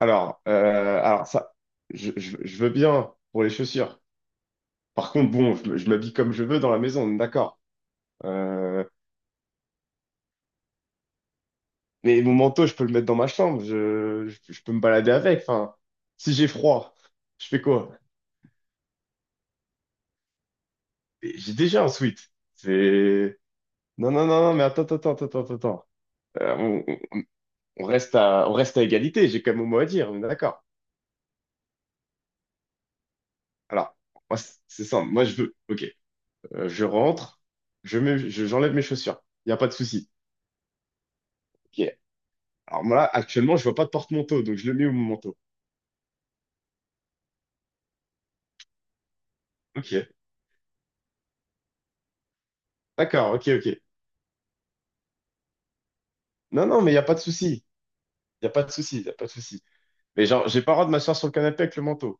Alors ça, je veux bien pour les chaussures. Par contre, bon, je m'habille comme je veux dans la maison, on est d'accord. Euh, mais mon manteau, je peux le mettre dans ma chambre, je peux me balader avec. Enfin, si j'ai froid, je fais quoi? Mais j'ai déjà un sweat. C'est... Non, non, non, non, mais attends, attends, attends, attends, attends. Euh, on, on- on reste à égalité, j'ai quand même mon mot à dire, on est d'accord. Alors, moi, c'est simple, moi je veux. Ok. Je rentre, j'enlève mes chaussures, il n'y a pas de souci. Ok. Alors moi, là, actuellement, je vois pas de porte-manteau, donc je le mets au manteau. Ok, d'accord, ok, ok. Non, non, mais il n'y a pas de souci. Il n'y a pas de souci, il n'y a pas de souci. Mais genre, j'ai pas le droit de m'asseoir sur le canapé avec le manteau.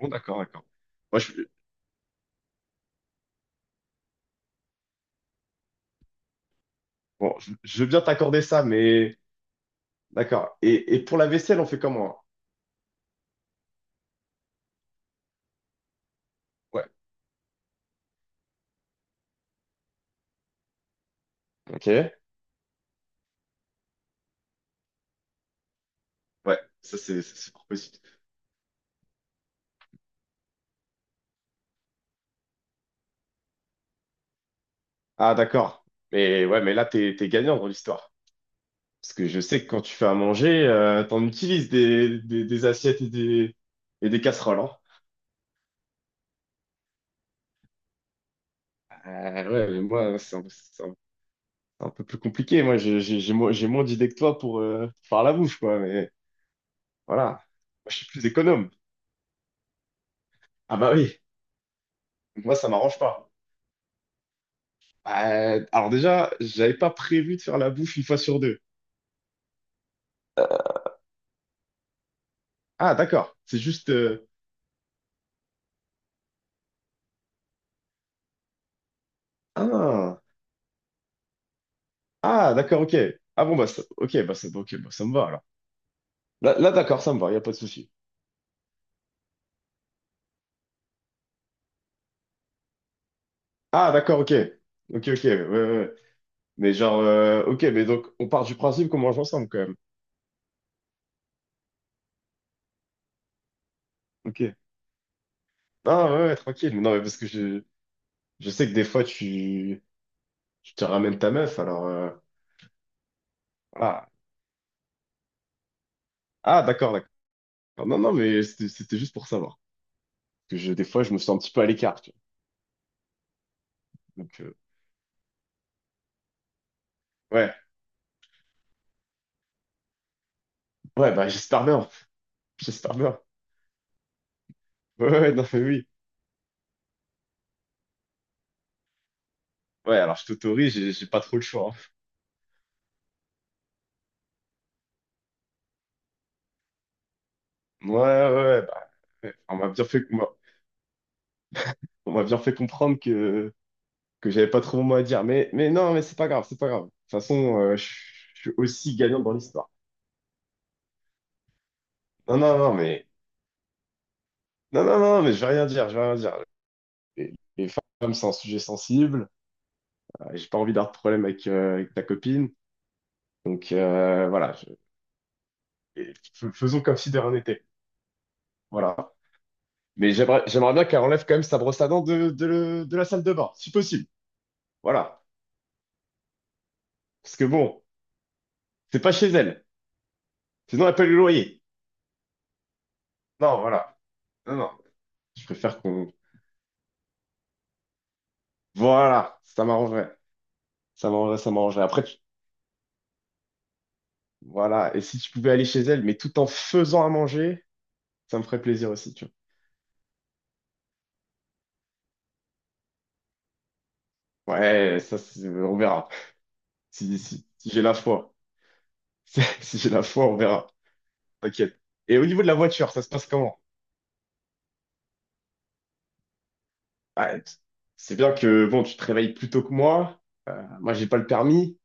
Bon, d'accord, d'accord. Moi, je, bon, je veux bien t'accorder ça, mais d'accord. Et pour la vaisselle, on fait comment? Ouais, ok. Ouais, ça, c'est pour possible. Ah, d'accord. Mais ouais, mais là, t'es gagnant dans l'histoire. Parce que je sais que quand tu fais à manger, t'en utilises des assiettes et des casseroles, hein. Ah ouais, mais moi, c'est un, un peu plus compliqué. Moi, j'ai moins d'idées que toi pour faire la bouffe, quoi. Mais voilà, moi, je suis plus économe. Ah bah oui, moi, ça m'arrange pas. Bah, alors déjà, j'avais pas prévu de faire la bouffe une fois sur deux. Ah, d'accord. C'est juste... ah, ah d'accord, ok. Ah bon, bah, ça... ok, bah, ça... ok, bah, ça me va, alors. Là, là, d'accord, ça me va, y a pas de souci. Ah, d'accord, ok. Ok, ok, ouais, ouais, ouais. Mais genre, ok, mais donc, on part du principe qu'on mange ensemble, quand même. Ok. Ah, ouais, ouais, tranquille. Non, mais parce que je... Je sais que des fois, tu... Tu te ramènes ta meuf, alors... ah, ah d'accord, d'accord. Non, non, mais c'était juste pour savoir. Parce que des fois, je me sens un petit peu à l'écart, tu vois. Donc, ouais, ouais, bah j'espère bien. J'espère bien. Ouais, ouais, non, mais oui. Ouais, alors je t'autorise, j'ai pas trop le choix, hein. Ouais, ouais, ouais, bah, ouais. On m'a bien fait comprendre que j'avais pas trop mon mot à dire. Mais non, mais c'est pas grave, c'est pas grave. De toute façon, je suis aussi gagnant dans l'histoire. Non, non, non, mais... Non, non, non, mais je vais rien dire, je vais rien dire. Les femmes, c'est un sujet sensible. Bah, j'ai pas envie d'avoir de problème avec, avec ta copine. Donc voilà, et faisons comme si de rien n'était. Voilà. Mais j'aimerais bien qu'elle enlève quand même sa brosse à dents de la salle de bain, si possible. Voilà. Parce que bon, c'est pas chez elle. Sinon, elle paye le loyer. Non, voilà. Non, non. Je préfère qu'on... Voilà, ça m'arrangerait. Ça m'arrangerait, ça m'arrangerait. Après, voilà. Et si tu pouvais aller chez elle, mais tout en faisant à manger, ça me ferait plaisir aussi, tu vois. Ouais, ça, on verra. Si j'ai la foi. Si j'ai la foi, on verra. T'inquiète. Et au niveau de la voiture, ça se passe comment? Ah, t- c'est bien que bon, tu te réveilles plus tôt que moi. Moi, j'ai pas le permis.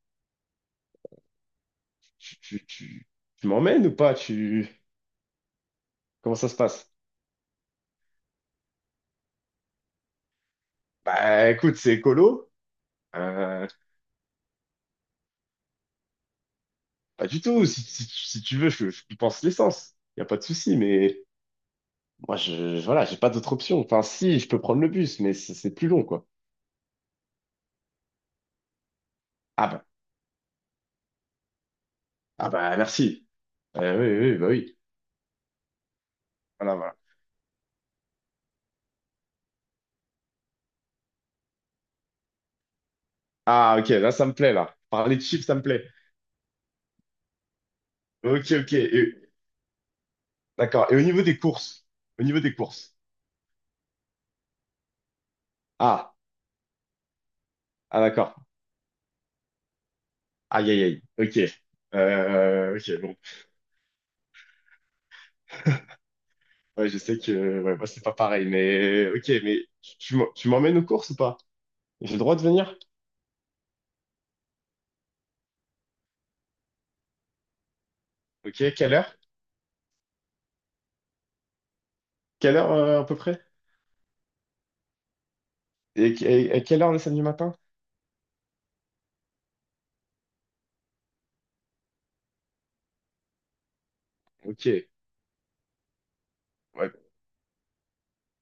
Tu, tu, tu, tu m'emmènes ou pas? Tu... Comment ça se passe? Bah écoute, c'est écolo. Euh, pas du tout. Si tu veux, je pense l'essence. Y a pas de souci, mais moi, voilà, j'ai pas d'autre option. Enfin, si, je peux prendre le bus, mais c'est plus long, quoi. Ah bah, ah bah merci. Oui, oui, oui, bah oui. Voilà, voilà. Ah ok, là, ça me plaît, là. Parler de chiffres, ça me plaît. Ok, ok. Et- D'accord. Et au niveau des courses? Au niveau des courses. Ah, ah d'accord. Aïe, aïe, aïe. Ok. Ok, bon. Ouais, je sais que ouais, moi, c'est pas pareil, mais ok, mais tu m'emmènes aux courses ou pas? J'ai le droit de venir? Ok, quelle heure? Quelle heure à peu près? Et quelle heure le samedi matin? Ok. Ouais,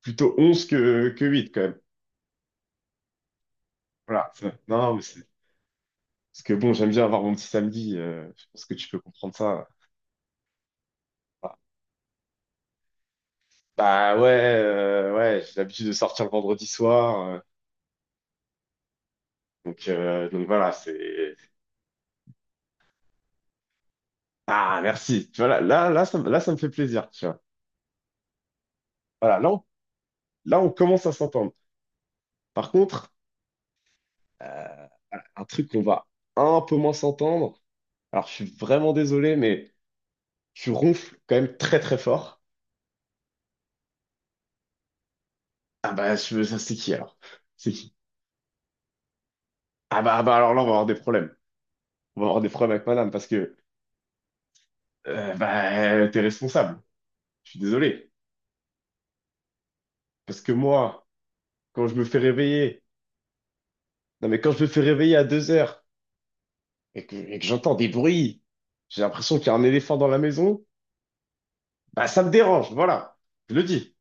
plutôt 11 que 8 quand même. Voilà. Non, non, mais c'est... Parce que bon, j'aime bien avoir mon petit samedi, je pense que tu peux comprendre ça. Voilà. Bah ouais, ouais, j'ai l'habitude de sortir le vendredi soir, donc, donc voilà, c'est... Ah, merci. Tu vois, là, là, ça me fait plaisir, tu vois. Voilà, là, on commence à s'entendre. Par contre, euh, un truc qu'on va un peu moins s'entendre, alors je suis vraiment désolé, mais tu ronfles quand même très, très fort. Ça, c'est qui, alors? C'est qui? Ah bah, alors là, on va avoir des problèmes. On va avoir des problèmes avec madame, parce que, bah, t'es responsable. Je suis désolé. Parce que moi, quand je me fais réveiller... Non, mais quand je me fais réveiller à 2 heures et que j'entends des bruits, j'ai l'impression qu'il y a un éléphant dans la maison, bah ça me dérange, voilà, je le dis.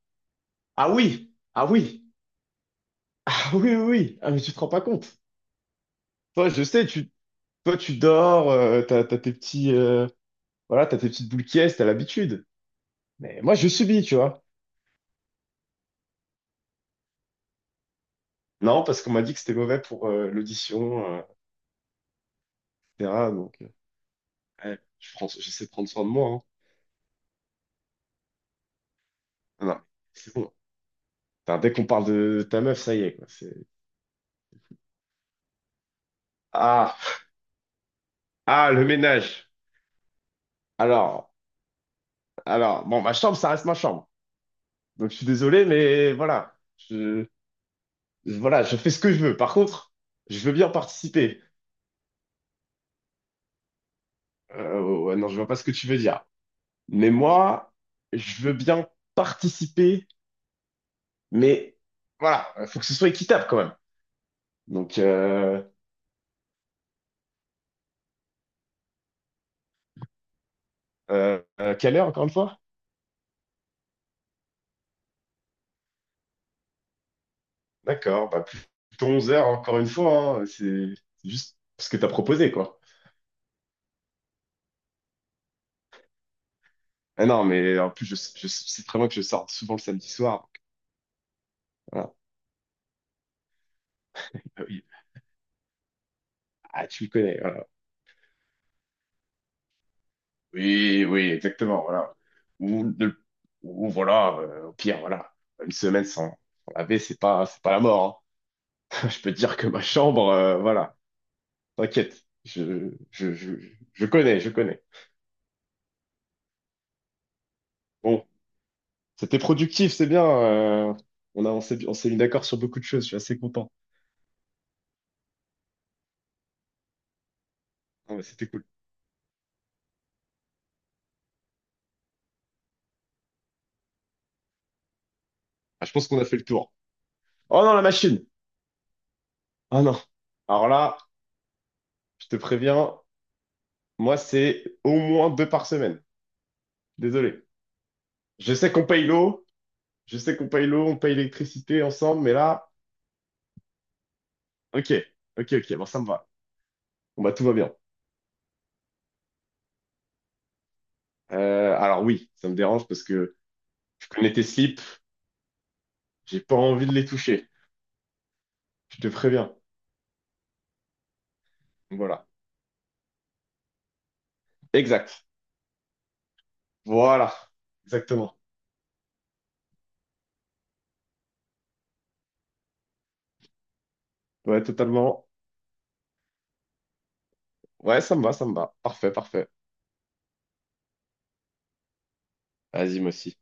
Ah oui, ah oui, ah oui, oui, oui, ah mais tu te rends pas compte. Toi, je sais, tu, toi tu dors, t'as tes petits, voilà, t'as tes petites boules qui est, t'as l'habitude. Mais moi je subis, tu vois. Non, parce qu'on m'a dit que c'était mauvais pour l'audition, etc. Donc, ouais, j'essaie de prendre soin de moi, hein. Non, non, c'est bon. Putain, dès qu'on parle de ta meuf, ça y est, quoi. C'est... Ah, ah, le ménage. Alors. Alors, bon, ma chambre, ça reste ma chambre. Donc, je suis désolé, mais voilà. Voilà, je fais ce que je veux. Par contre, je veux bien participer. Ouais, non, je vois pas ce que tu veux dire. Mais moi, je veux bien participer, mais voilà, faut que ce soit équitable quand même. Donc, quelle heure encore une fois? D'accord, bah, plutôt 11 heures encore une fois, hein. C'est juste ce que t'as proposé, quoi. Ah non, mais en plus, je sais très bien que je sors souvent le samedi soir, donc, voilà. Ah oui. Ah, tu me connais, voilà. Oui, oui, exactement, voilà. Ou, de- ou voilà, au pire, voilà, une semaine sans laver, c'est pas la mort, hein. Je peux te dire que ma chambre, voilà, t'inquiète, je connais, je connais. Bon, c'était productif, c'est bien, on a, on s'est mis d'accord sur beaucoup de choses, je suis assez content. Non, mais c'était cool. Ah, je pense qu'on a fait le tour. Oh non, la machine! Oh non! Alors là, je te préviens, moi, c'est au moins 2 par semaine. Désolé. Je sais qu'on paye l'eau. Je sais qu'on paye l'eau, on paye l'électricité ensemble, mais là, ok, ok, ok, bon, ça me va. Bon, bah, tout va bien. Alors oui, ça me dérange parce que je connais tes slips, j'ai pas envie de les toucher. Je te préviens. Voilà. Exact. Voilà. Exactement. Ouais, totalement. Ouais, ça me va, ça me va. Parfait, parfait. Vas-y, moi aussi.